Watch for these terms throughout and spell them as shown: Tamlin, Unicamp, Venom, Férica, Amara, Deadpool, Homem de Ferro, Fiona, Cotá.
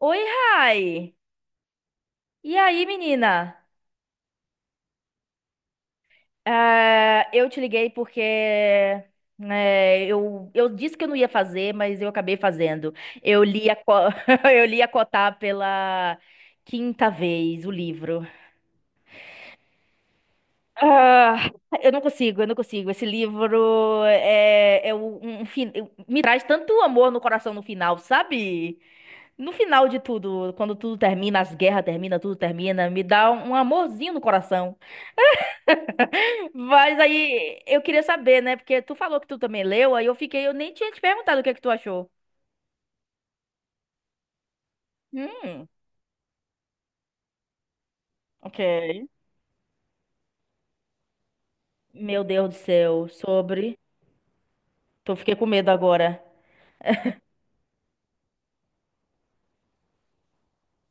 Oi, Rai! E aí, menina? Ah, eu te liguei porque, né, eu disse que eu não ia fazer, mas eu acabei fazendo. Eu li a, Co- eu li a Cotá pela quinta vez o livro. Ah, eu não consigo. Esse livro me traz tanto amor no coração no final, sabe? No final de tudo, quando tudo termina, as guerras terminam, tudo termina, me dá um amorzinho no coração. Mas aí eu queria saber, né? Porque tu falou que tu também leu, aí eu fiquei, eu nem tinha te perguntado o que é que tu achou. Hum, ok. Meu Deus do céu, sobre. Tô fiquei com medo agora.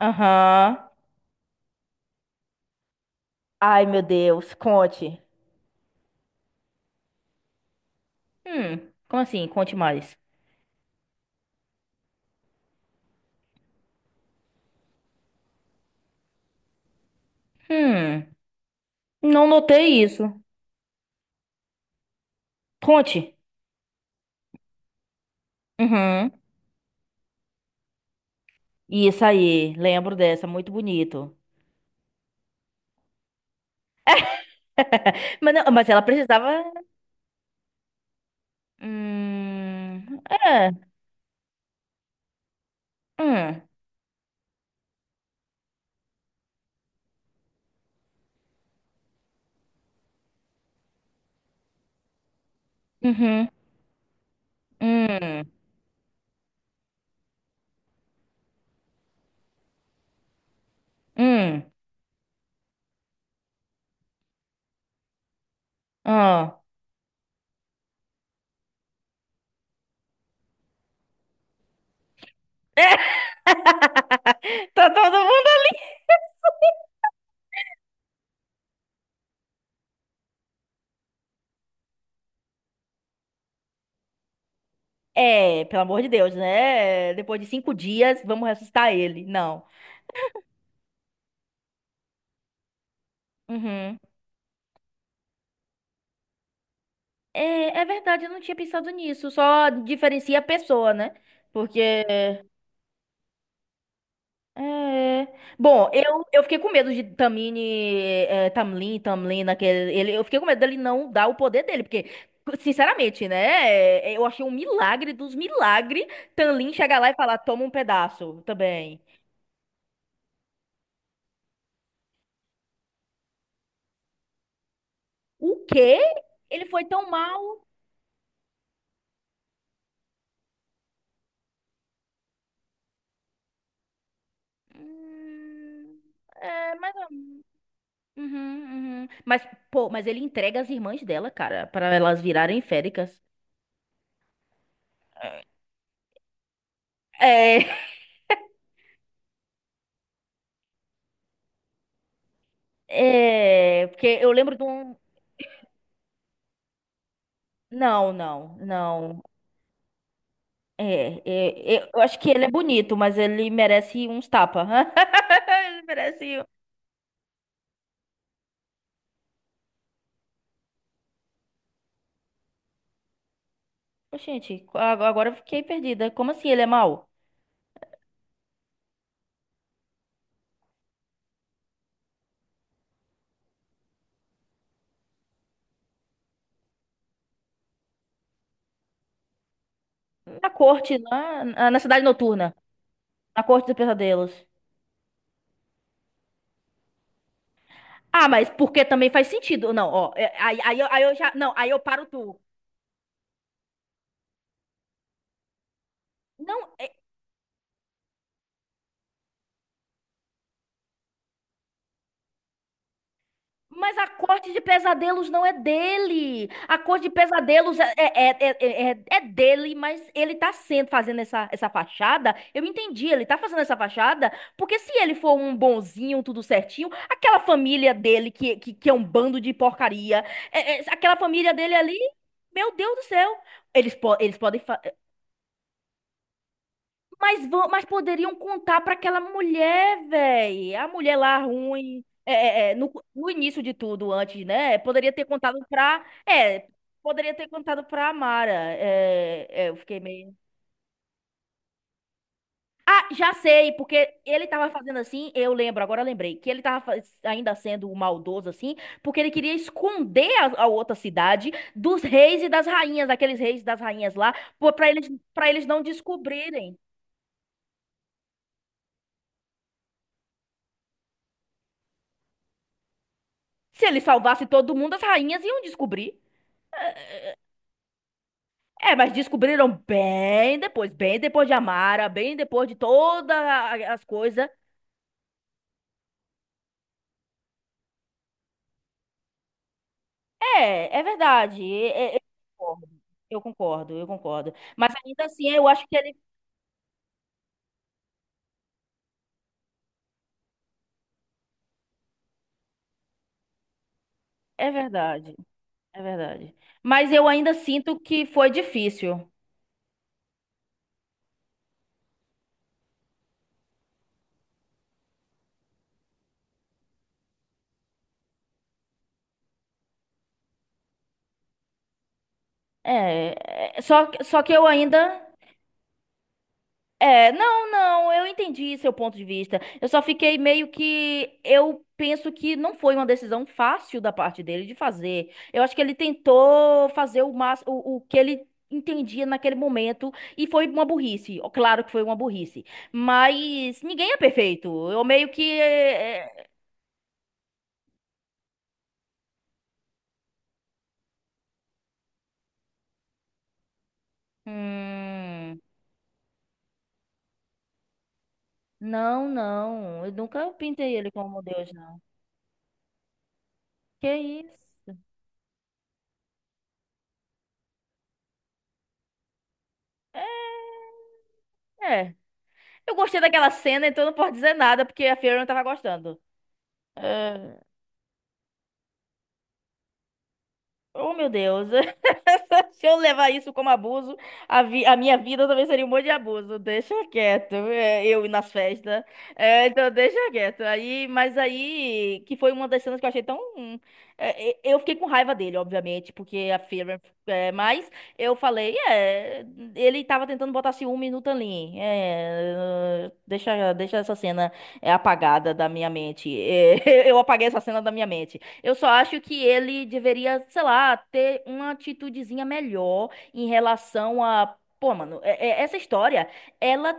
Aham. Ai, meu Deus, conte. Hum, Como assim? Conte mais. Hum, não notei isso. Conte. Uhum. Isso aí, lembro dessa, muito bonito. Mas, não, mas ela precisava. Hum, é. Hum, uhum, hum, hum, ah. É, tá todo mundo ali. É, pelo amor de Deus, né? Depois de cinco dias, vamos ressuscitar ele. Não. Uhum. É, é verdade, eu não tinha pensado nisso. Só diferencia a pessoa, né? Porque. É... Bom, eu fiquei com medo de Tamlin, naquele. Ele, eu fiquei com medo dele não dar o poder dele, porque, sinceramente, né? Eu achei um milagre dos milagres Tamlin chegar lá e falar: toma um pedaço também. O quê? Ele foi tão mal. Hum, É, mas. Uhum, uhum. Mas, pô, mas ele entrega as irmãs dela, cara, para elas virarem féricas. É, é, porque eu lembro de um. Não, não, não. É, é, eu acho que ele é bonito, mas ele merece uns tapa. Ele merece. Um, ô, gente, agora eu fiquei perdida. Como assim ele é mau? Na corte, lá, na cidade noturna, na corte dos pesadelos. Ah, mas porque também faz sentido. Não, ó, é, aí eu já. Não, aí eu paro tudo. Não, é- mas a corte de pesadelos não é dele. A corte de pesadelos é dele, mas ele tá sendo fazendo essa fachada. Eu entendi, ele tá fazendo essa fachada, porque se ele for um bonzinho, tudo certinho, aquela família dele, que é um bando de porcaria, aquela família dele ali, meu Deus do céu. Eles, po eles podem. Mas poderiam contar para aquela mulher, velho. A mulher lá ruim. No início de tudo, antes, né? Poderia ter contado pra. É, poderia ter contado pra Amara. É, é, eu fiquei meio. Ah, já sei, porque ele tava fazendo assim, eu lembro, agora eu lembrei, que ele ainda sendo maldoso assim, porque ele queria esconder a outra cidade dos reis e das rainhas, daqueles reis e das rainhas lá, pô, pra eles não descobrirem. Se ele salvasse todo mundo, as rainhas iam descobrir. É, mas descobriram bem depois de Amara, bem depois de todas as coisas. É, é verdade. Eu concordo, eu concordo. Mas ainda assim, eu acho que ele. É verdade, é verdade. Mas eu ainda sinto que foi difícil. É, é, só que eu ainda. É, não, não, eu entendi seu ponto de vista. Eu só fiquei meio que. Eu penso que não foi uma decisão fácil da parte dele de fazer. Eu acho que ele tentou fazer o que ele entendia naquele momento e foi uma burrice. Ó, claro que foi uma burrice. Mas ninguém é perfeito. Eu meio que. Hum, não, não. Eu nunca pintei ele como Deus, não. Que isso? É. É. Eu gostei daquela cena, então não posso dizer nada, porque a Fiona tava gostando. Ah, oh, meu Deus. Se eu levar isso como abuso, a minha vida também seria um monte de abuso. Deixa quieto. É, eu ir nas festas. É, então, deixa quieto. Aí, mas aí, que foi uma das cenas que eu achei tão. É, eu fiquei com raiva dele, obviamente, porque a Feira. É, mas eu falei, é. Ele tava tentando botar ciúme no Tanlin. É, deixa essa cena apagada da minha mente. É, eu apaguei essa cena da minha mente. Eu só acho que ele deveria, sei lá, ter uma atitudezinha melhor em relação a. Pô, mano, essa história, ela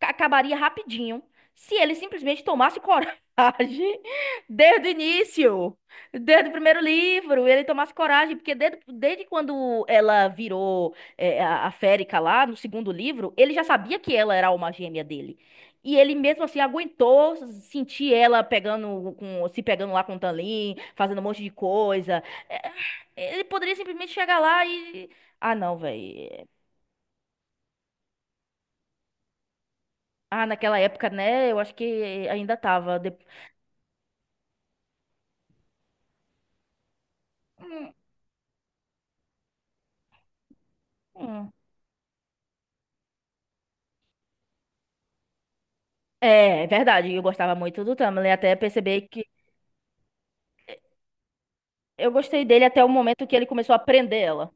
acabaria rapidinho se ele simplesmente tomasse coragem desde o início, desde o primeiro livro, ele tomasse coragem, porque desde quando ela virou a Férica lá, no segundo livro, ele já sabia que ela era a alma gêmea dele. E ele mesmo assim aguentou sentir ela se pegando lá com o Tanlin, fazendo um monte de coisa. É, ele poderia simplesmente chegar lá e. Ah, não, velho. Ah, naquela época, né? Eu acho que ainda tava. Hum, hum. É, é verdade, eu gostava muito do Tamlin, até perceber que eu gostei dele até o momento que ele começou a prender ela.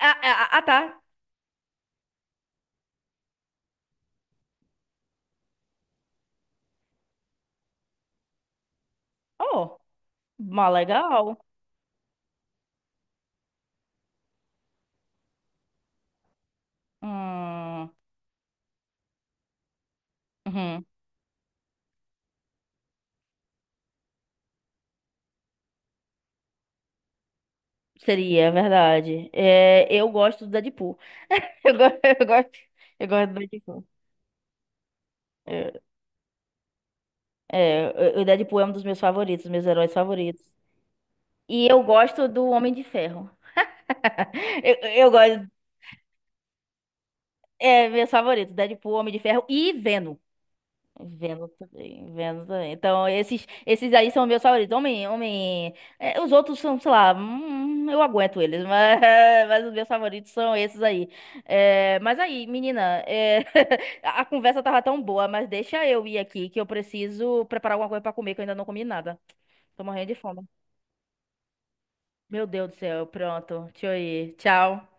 Ah, é, ah, ah, tá. Oh, mó legal. Hum, uhum. Seria, é verdade. É, eu gosto do Deadpool. Eu, go- eu gosto, eu gosto do Deadpool. Eu- é, o Deadpool é um dos meus favoritos, meus heróis favoritos. E eu gosto do Homem de Ferro. Eu, eu gosto, meu favorito. Deadpool, Homem de Ferro e Venom. Vendo também, vendo também. Então, esses aí são meus favoritos. Os outros são, sei lá, eu aguento eles, mas, mas os meus favoritos são esses aí. É, mas aí, menina, é, a conversa tava tão boa, mas deixa eu ir aqui que eu preciso preparar alguma coisa pra comer, que eu ainda não comi nada. Tô morrendo de fome. Meu Deus do céu, pronto. Deixa eu ir. Tchau.